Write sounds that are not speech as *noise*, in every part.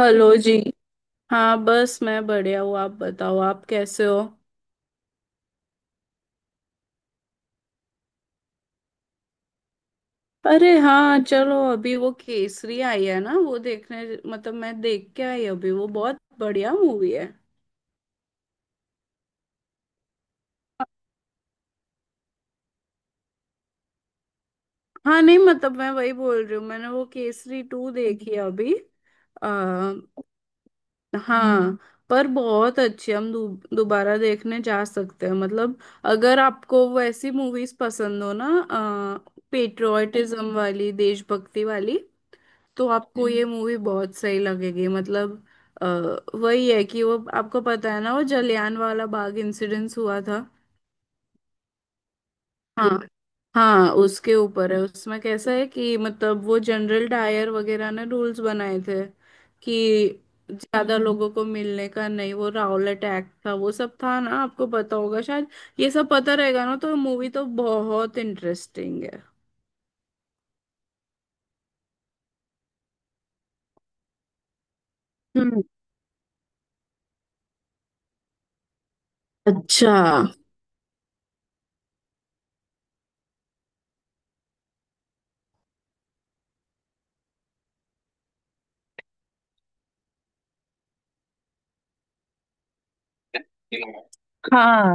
Hello जी। हाँ बस मैं बढ़िया हूँ, आप बताओ आप कैसे हो। अरे हाँ चलो अभी वो केसरी आई है ना वो देखने। मतलब मैं देख के आई अभी, वो बहुत बढ़िया मूवी है। हाँ नहीं मतलब मैं वही बोल रही हूँ, मैंने वो केसरी टू देखी है अभी। आ, हाँ। पर बहुत अच्छी, दोबारा देखने जा सकते हैं मतलब। अगर आपको वैसी मूवीज पसंद हो ना, पेट्रियोटिज्म वाली, देशभक्ति वाली, तो आपको ये मूवी बहुत सही लगेगी मतलब। अ, वही है कि वो आपको पता है ना वो जलियान वाला बाग इंसिडेंस हुआ था। हाँ हाँ उसके ऊपर है। उसमें कैसा है कि मतलब वो जनरल डायर वगैरह ने रूल्स बनाए थे कि ज्यादा लोगों को मिलने का नहीं। वो राउलेट एक्ट था, वो सब था ना, आपको पता होगा शायद। ये सब पता रहेगा ना तो मूवी तो बहुत इंटरेस्टिंग है। हम्म। अच्छा हाँ।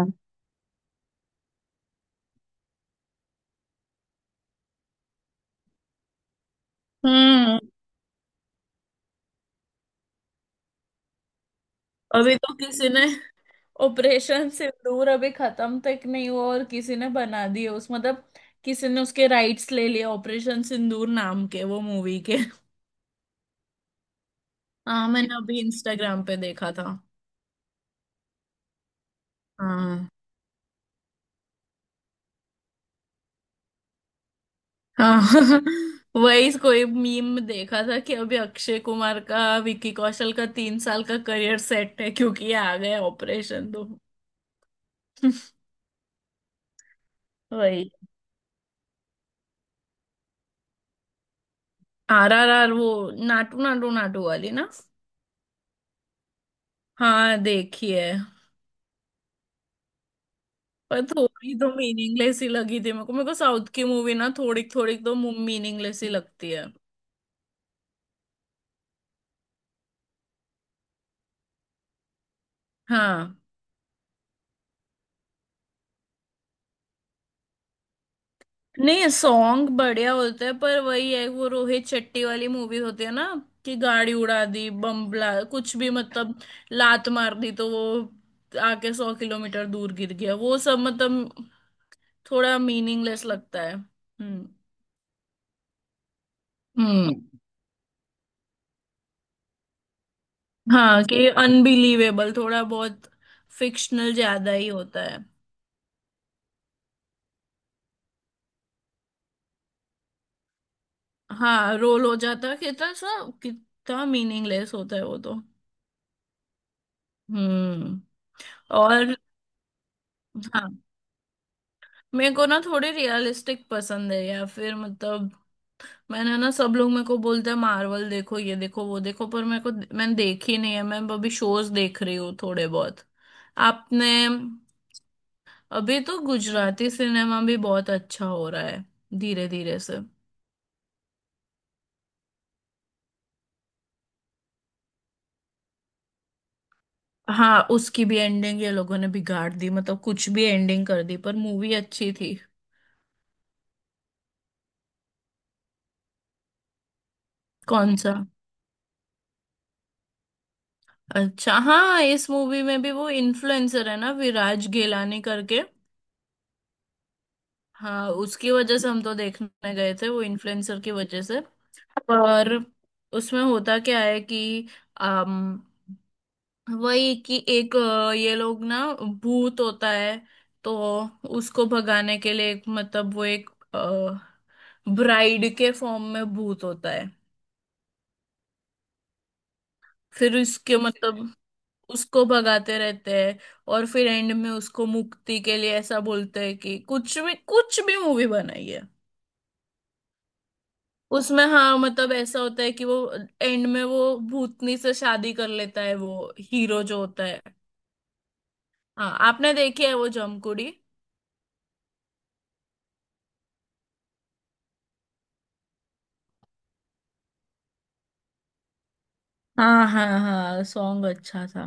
हम्म। अभी तो किसी ने ऑपरेशन सिंदूर अभी खत्म तक नहीं हुआ और किसी ने बना दिए उस मतलब, किसी ने उसके राइट्स ले लिए ऑपरेशन सिंदूर नाम के वो मूवी के। हाँ मैंने अभी इंस्टाग्राम पे देखा था। हाँ हाँ। *laughs* वही कोई मीम देखा था कि अभी अक्षय कुमार का विकी कौशल का 3 साल का करियर सेट है क्योंकि ये आ गया ऑपरेशन तो। *laughs* वही। आर आर आर वो नाटू नाटू नाटू वाली ना। हाँ देखी है। पर थोड़ी तो मीनिंगलेस ही लगी थी मेरे को। मेरे को साउथ की मूवी ना थोड़ी थोड़ी तो मीनिंगलेस ही लगती है हाँ। नहीं सॉन्ग बढ़िया होते हैं पर वही है वो रोहित शेट्टी वाली मूवी होती है ना, कि गाड़ी उड़ा दी, बम ब्ला, कुछ भी मतलब। लात मार दी तो वो आके 100 किलोमीटर दूर गिर गया, वो सब मतलब थोड़ा मीनिंगलेस लगता है। हम्म। हम्म। हाँ कि अनबिलीवेबल, थोड़ा बहुत फिक्शनल ज्यादा ही होता है। हाँ रोल हो जाता है कितना सा, कितना मीनिंगलेस होता है वो तो। हम्म। और हाँ मेरे को ना थोड़ी रियलिस्टिक पसंद है या फिर मतलब, मैंने ना, सब लोग मेरे को बोलते हैं मार्वल देखो, ये देखो, वो देखो, पर मेरे को, मैंने देखी नहीं है। मैं अभी शोज देख रही हूँ थोड़े बहुत। आपने, अभी तो गुजराती सिनेमा भी बहुत अच्छा हो रहा है धीरे धीरे से। हाँ उसकी भी एंडिंग ये लोगों ने बिगाड़ दी मतलब, कुछ भी एंडिंग कर दी पर मूवी अच्छी थी। कौन सा? अच्छा हाँ इस मूवी में भी वो इन्फ्लुएंसर है ना विराज गेलानी करके। हाँ उसकी वजह से हम तो देखने गए थे, वो इन्फ्लुएंसर की वजह से। पर उसमें होता क्या है कि अम, वही कि एक ये लोग ना, भूत होता है। तो उसको भगाने के लिए एक मतलब, वो एक ब्राइड के फॉर्म में भूत होता है। फिर इसके मतलब उसको भगाते रहते हैं। और फिर एंड में उसको मुक्ति के लिए ऐसा बोलते हैं कि कुछ भी मूवी बनाई है। उसमें हाँ मतलब ऐसा होता है कि वो एंड में वो भूतनी से शादी कर लेता है वो हीरो जो होता है। हाँ आपने देखी है वो जमकुड़ी? हाँ हाँ हाँ सॉन्ग अच्छा था।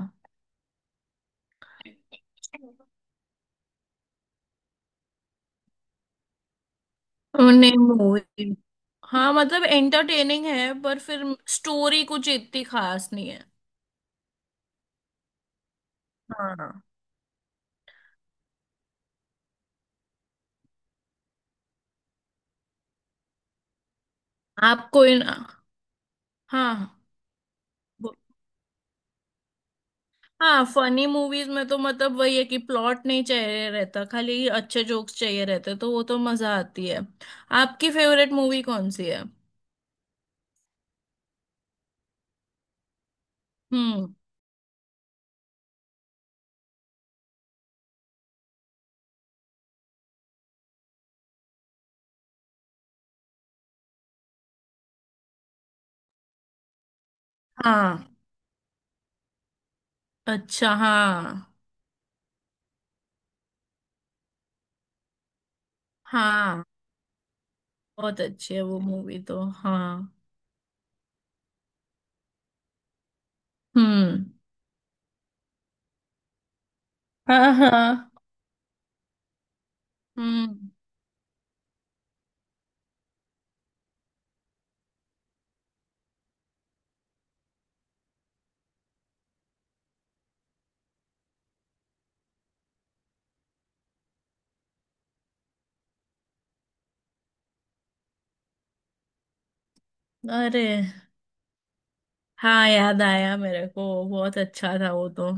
नहीं मूवी, हाँ मतलब एंटरटेनिंग है पर फिर स्टोरी कुछ इतनी खास नहीं है। हाँ। आपको इन, हाँ हाँ। हाँ फनी मूवीज में तो मतलब वही है कि प्लॉट नहीं चाहिए रहता, खाली अच्छे जोक्स चाहिए रहते तो वो तो मजा आती है। आपकी फेवरेट मूवी कौन सी है? हम्म। हाँ। अच्छा हाँ। हाँ बहुत अच्छी है वो मूवी तो हाँ। हम्म। हाँ हाँ। हम्म। अरे हाँ याद आया मेरे को, बहुत अच्छा था वो तो।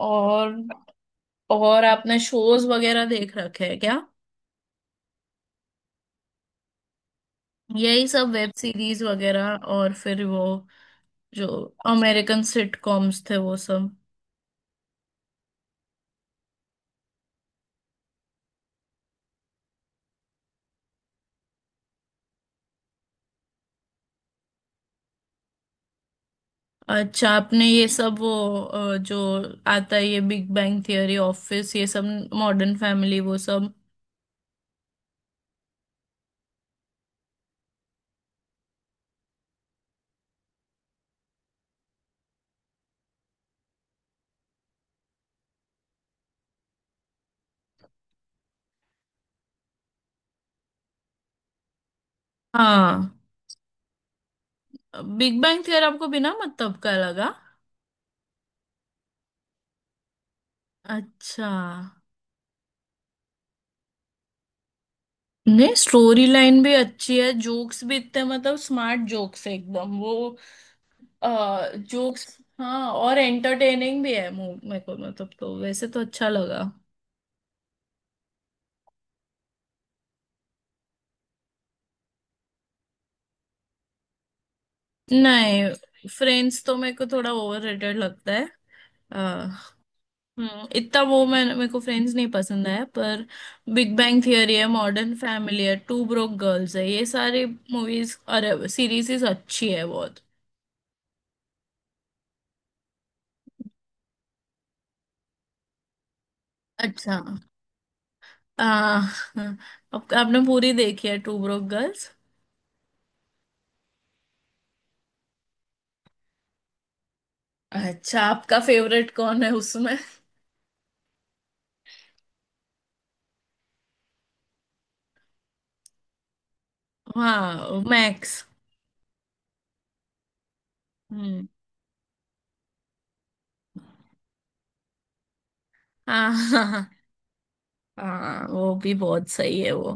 और और आपने शोज वगैरह देख रखे हैं क्या? यही सब वेब सीरीज वगैरह और फिर वो जो अमेरिकन सिटकॉम्स थे वो सब। अच्छा आपने ये सब वो जो आता है ये बिग बैंग थियरी, ऑफिस, ये सब, मॉडर्न फैमिली, वो सब। हाँ बिग बैंग थियरी आपको बिना मतलब का लगा? अच्छा। नहीं स्टोरी लाइन भी अच्छी है, जोक्स भी इतने मतलब स्मार्ट जोक्स है एकदम, वो जोक्स। हाँ और एंटरटेनिंग भी है मु- मेरे को मतलब, तो वैसे तो अच्छा लगा। नहीं फ्रेंड्स तो मेरे को थोड़ा ओवररेटेड लगता है। हाँ। इतना वो, मैं, मेरे को फ्रेंड्स नहीं पसंद है पर बिग बैंग थियरी है, मॉडर्न फैमिली है, टू ब्रोक गर्ल्स है, ये सारी मूवीज और सीरीज अच्छी है बहुत। अच्छा हाँ, आपने पूरी देखी है टू ब्रोक गर्ल्स? अच्छा आपका फेवरेट कौन है उसमें? हाँ मैक्स। हम्म। हाँ हाँ हाँ। हाँ, वो भी बहुत सही है वो।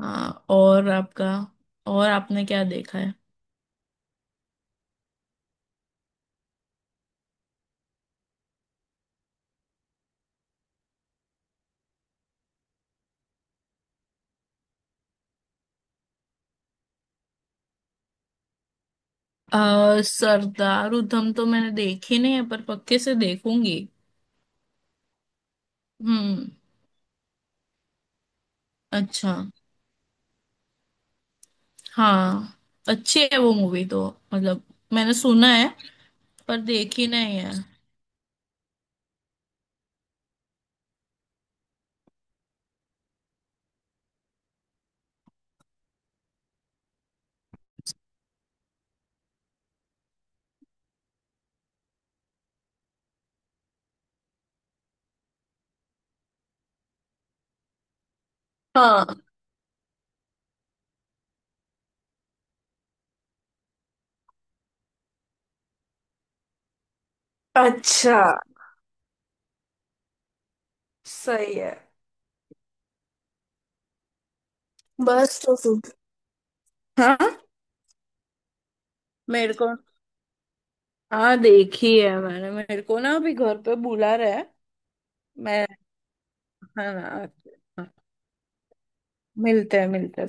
हाँ और आपका, और आपने क्या देखा है? सरदार उधम तो मैंने देखी नहीं है पर पक्के से देखूंगी। हम्म। अच्छा। हाँ अच्छी है वो मूवी तो मतलब, मैंने सुना है पर देखी नहीं है। हाँ। अच्छा। सही है। बस तो फिर हाँ मेरे को, हाँ देखी है मैंने। मेरे को ना अभी घर पे बुला रहे हैं। मैं, हाँ ना। हाँ, मिलते हैं मिलते हैं।